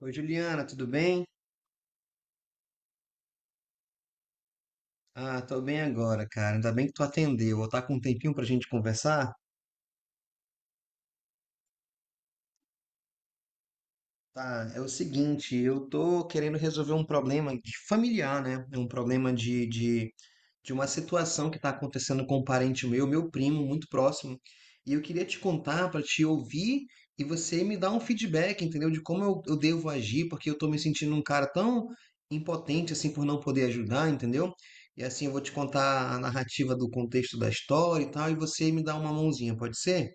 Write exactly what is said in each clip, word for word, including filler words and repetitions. Oi, Juliana, tudo bem? Ah, tô bem agora, cara. Ainda bem que tu atendeu. Tá com um tempinho pra gente conversar? Tá, é o seguinte, eu tô querendo resolver um problema de familiar, né? É um problema de, de, de uma situação que tá acontecendo com um parente meu, meu primo, muito próximo. E eu queria te contar para te ouvir e você me dar um feedback, entendeu? De como eu, eu devo agir, porque eu tô me sentindo um cara tão impotente assim por não poder ajudar, entendeu? E assim eu vou te contar a narrativa do contexto da história e tal, e você me dá uma mãozinha, pode ser?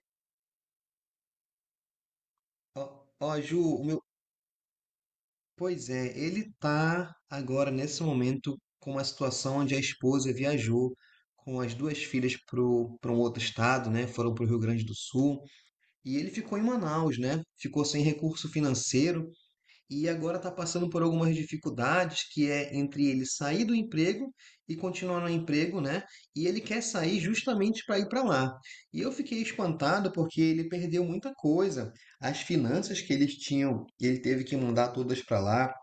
Ó, ó, Ju, o meu, Pois é, ele tá agora nesse momento com uma situação onde a esposa viajou com as duas filhas pro, para um outro estado, né? Foram para o Rio Grande do Sul e ele ficou em Manaus, né? Ficou sem recurso financeiro e agora está passando por algumas dificuldades que é entre ele sair do emprego e continuar no emprego, né? E ele quer sair justamente para ir para lá. E eu fiquei espantado porque ele perdeu muita coisa, as finanças que eles tinham, ele teve que mandar todas para lá,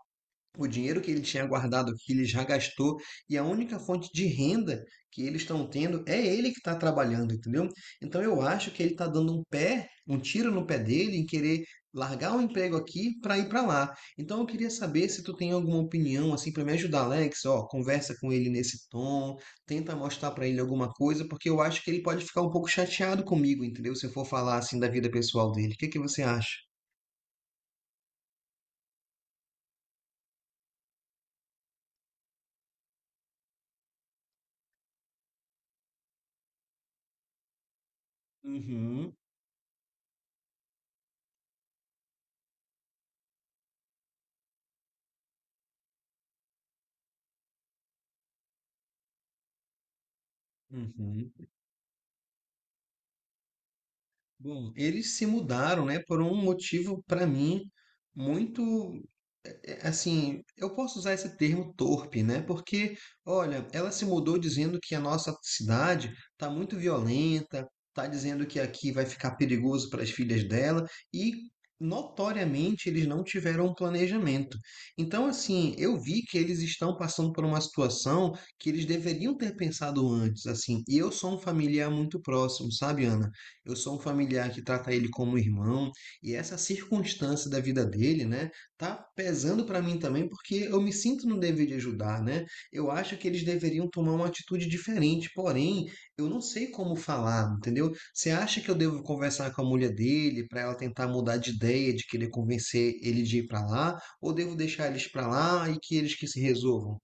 o dinheiro que ele tinha guardado, que ele já gastou, e a única fonte de renda que eles estão tendo é ele que está trabalhando, entendeu? Então eu acho que ele está dando um pé, um tiro no pé dele em querer largar um emprego aqui para ir para lá. Então eu queria saber se tu tem alguma opinião assim para me ajudar, Alex, ó, conversa com ele nesse tom, tenta mostrar para ele alguma coisa, porque eu acho que ele pode ficar um pouco chateado comigo, entendeu? Se eu for falar assim da vida pessoal dele. O que que você acha? Uhum, uhum. Bom, eles se mudaram, né, por um motivo para mim muito é, é, assim, eu posso usar esse termo torpe, né? Porque, olha, ela se mudou dizendo que a nossa cidade está muito violenta, está dizendo que aqui vai ficar perigoso para as filhas dela e notoriamente eles não tiveram um planejamento. Então, assim, eu vi que eles estão passando por uma situação que eles deveriam ter pensado antes, assim. E eu sou um familiar muito próximo, sabe, Ana? Eu sou um familiar que trata ele como irmão, e essa circunstância da vida dele, né, tá pesando para mim também, porque eu me sinto no dever de ajudar, né? Eu acho que eles deveriam tomar uma atitude diferente, porém, eu não sei como falar, entendeu? Você acha que eu devo conversar com a mulher dele para ela tentar mudar de ideia, de querer convencer ele de ir para lá, ou devo deixar eles para lá e que eles que se resolvam?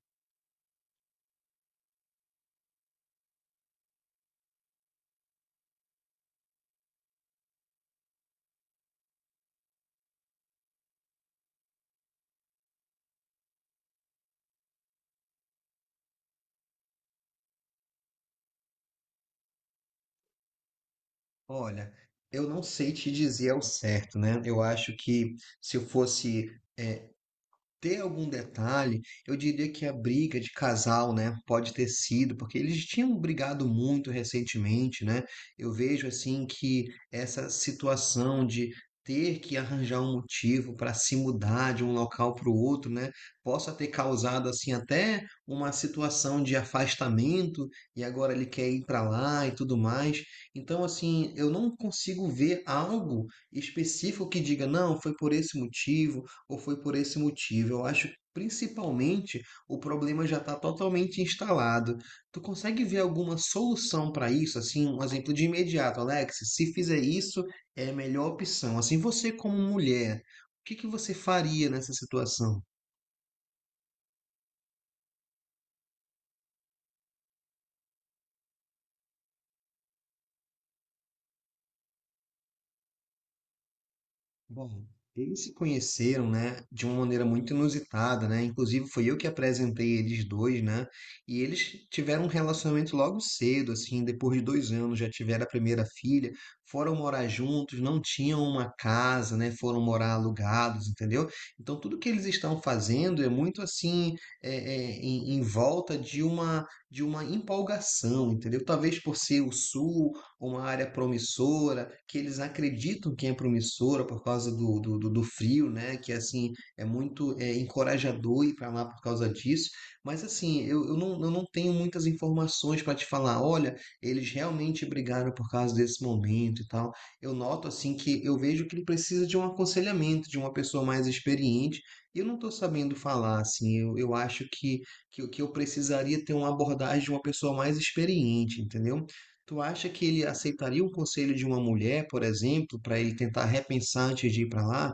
Olha, eu não sei te dizer ao certo, né? Eu acho que se eu fosse ter algum detalhe, eu diria que a briga de casal, né, pode ter sido, porque eles tinham brigado muito recentemente, né? Eu vejo assim que essa situação de ter que arranjar um motivo para se mudar de um local para o outro, né, possa ter causado assim até uma situação de afastamento e agora ele quer ir para lá e tudo mais. Então assim, eu não consigo ver algo específico que diga, não, foi por esse motivo ou foi por esse motivo? Eu acho que principalmente o problema já está totalmente instalado. Tu consegue ver alguma solução para isso? Assim, um exemplo de imediato, Alex, se fizer isso, é a melhor opção. Assim, você como mulher, o que que você faria nessa situação? Bom, eles se conheceram, né, de uma maneira muito inusitada, né? Inclusive foi eu que apresentei eles dois, né? E eles tiveram um relacionamento logo cedo, assim, depois de dois anos já tiveram a primeira filha, foram morar juntos, não tinham uma casa, né? Foram morar alugados, entendeu? Então tudo que eles estão fazendo é muito assim, é, é, em, em volta de uma de uma empolgação, entendeu? Talvez por ser o sul, uma área promissora, que eles acreditam que é promissora por causa do, do, do- do frio, né? Que assim é muito é, encorajador ir para lá por causa disso. Mas assim, eu, eu, não, eu não tenho muitas informações para te falar. Olha, eles realmente brigaram por causa desse momento e tal. Eu noto assim que eu vejo que ele precisa de um aconselhamento, de uma pessoa mais experiente. E eu não estou sabendo falar, assim, eu, eu acho que, que, eu- que eu precisaria ter uma abordagem de uma pessoa mais experiente, entendeu? Tu acha que ele aceitaria o conselho de uma mulher, por exemplo, para ele tentar repensar antes de ir para lá?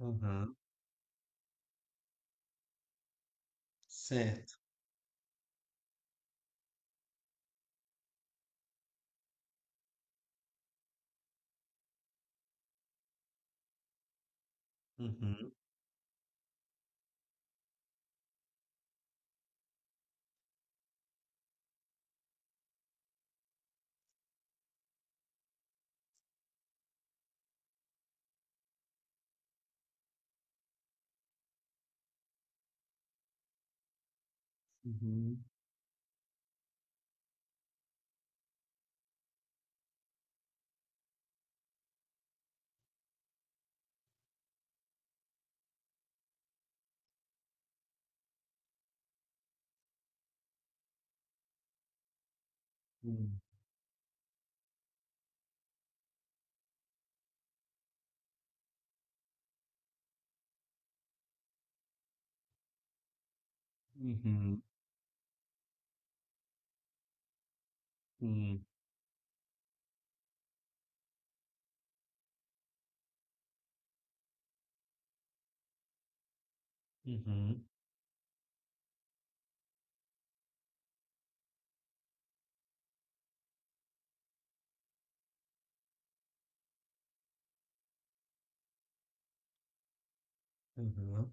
Aham, certo. Uhum, uhum, uhum, uhum, uhum, uhum, uhum.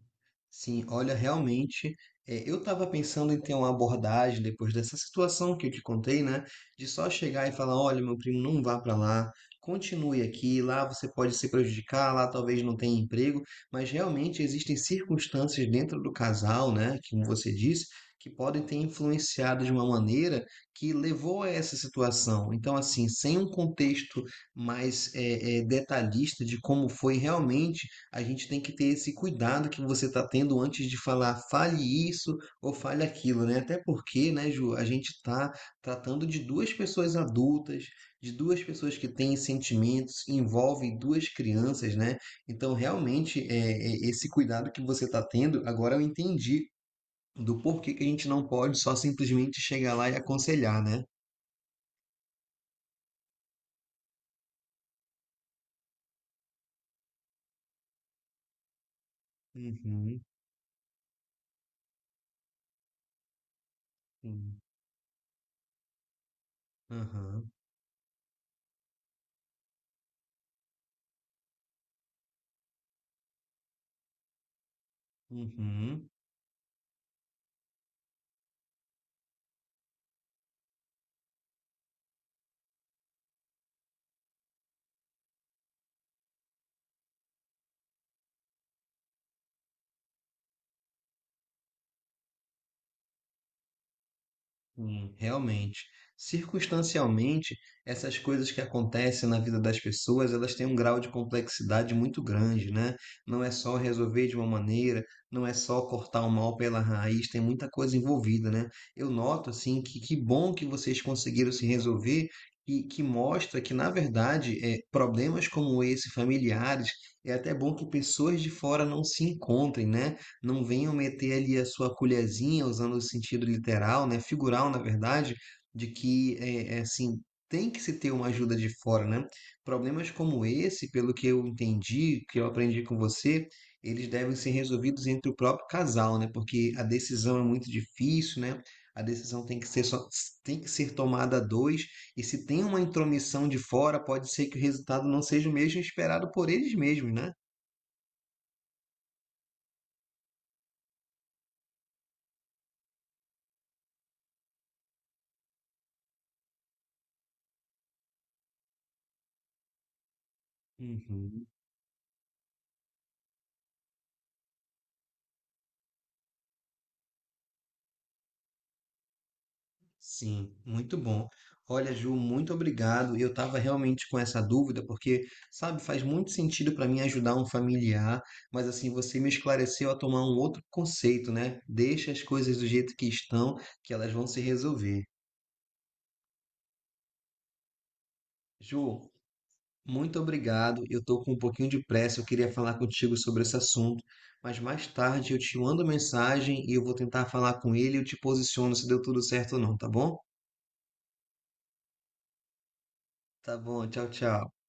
Sim, olha, realmente, é, eu estava pensando em ter uma abordagem depois dessa situação que eu te contei, né? De só chegar e falar, olha, meu primo, não vá para lá, continue aqui, lá você pode se prejudicar, lá talvez não tenha emprego, mas realmente existem circunstâncias dentro do casal, né? que, como você disse, que podem ter influenciado de uma maneira que levou a essa situação. Então, assim, sem um contexto mais é, é, detalhista de como foi realmente, a gente tem que ter esse cuidado que você está tendo antes de falar, fale isso ou fale aquilo, né? Até porque, né, Ju, a gente está tratando de duas pessoas adultas, de duas pessoas que têm sentimentos, envolvem duas crianças, né? Então, realmente, é, é- esse cuidado que você está tendo, agora eu entendi do porquê que a gente não pode só simplesmente chegar lá e aconselhar, né? Uhum, sim. Aham, uhum. Sim, realmente. Circunstancialmente, essas coisas que acontecem na vida das pessoas, elas têm um grau de complexidade muito grande, né? Não é só resolver de uma maneira, não é só cortar o mal pela raiz, tem muita coisa envolvida, né? Eu noto, assim, que que bom que vocês conseguiram se resolver e que mostra que, na verdade, é, problemas como esse, familiares, é até bom que pessoas de fora não se encontrem, né? Não venham meter ali a sua colherzinha, usando o sentido literal, né, figural, na verdade, de que, é, é, assim, tem que se ter uma ajuda de fora, né? Problemas como esse, pelo que eu entendi, que eu aprendi com você, eles devem ser resolvidos entre o próprio casal, né? Porque a decisão é muito difícil, né? A decisão tem que ser só, tem que ser tomada a dois, e se tem uma intromissão de fora, pode ser que o resultado não seja o mesmo esperado por eles mesmos, né? Uhum. Sim, muito bom. Olha, Ju, muito obrigado. Eu estava realmente com essa dúvida, porque, sabe, faz muito sentido para mim ajudar um familiar, mas assim, você me esclareceu a tomar um outro conceito, né? Deixa as coisas do jeito que estão, que elas vão se resolver. Ju, muito obrigado. Eu estou com um pouquinho de pressa, eu queria falar contigo sobre esse assunto, mas mais tarde eu te mando mensagem e eu vou tentar falar com ele e eu te posiciono se deu tudo certo ou não, tá bom? Tá bom, tchau, tchau.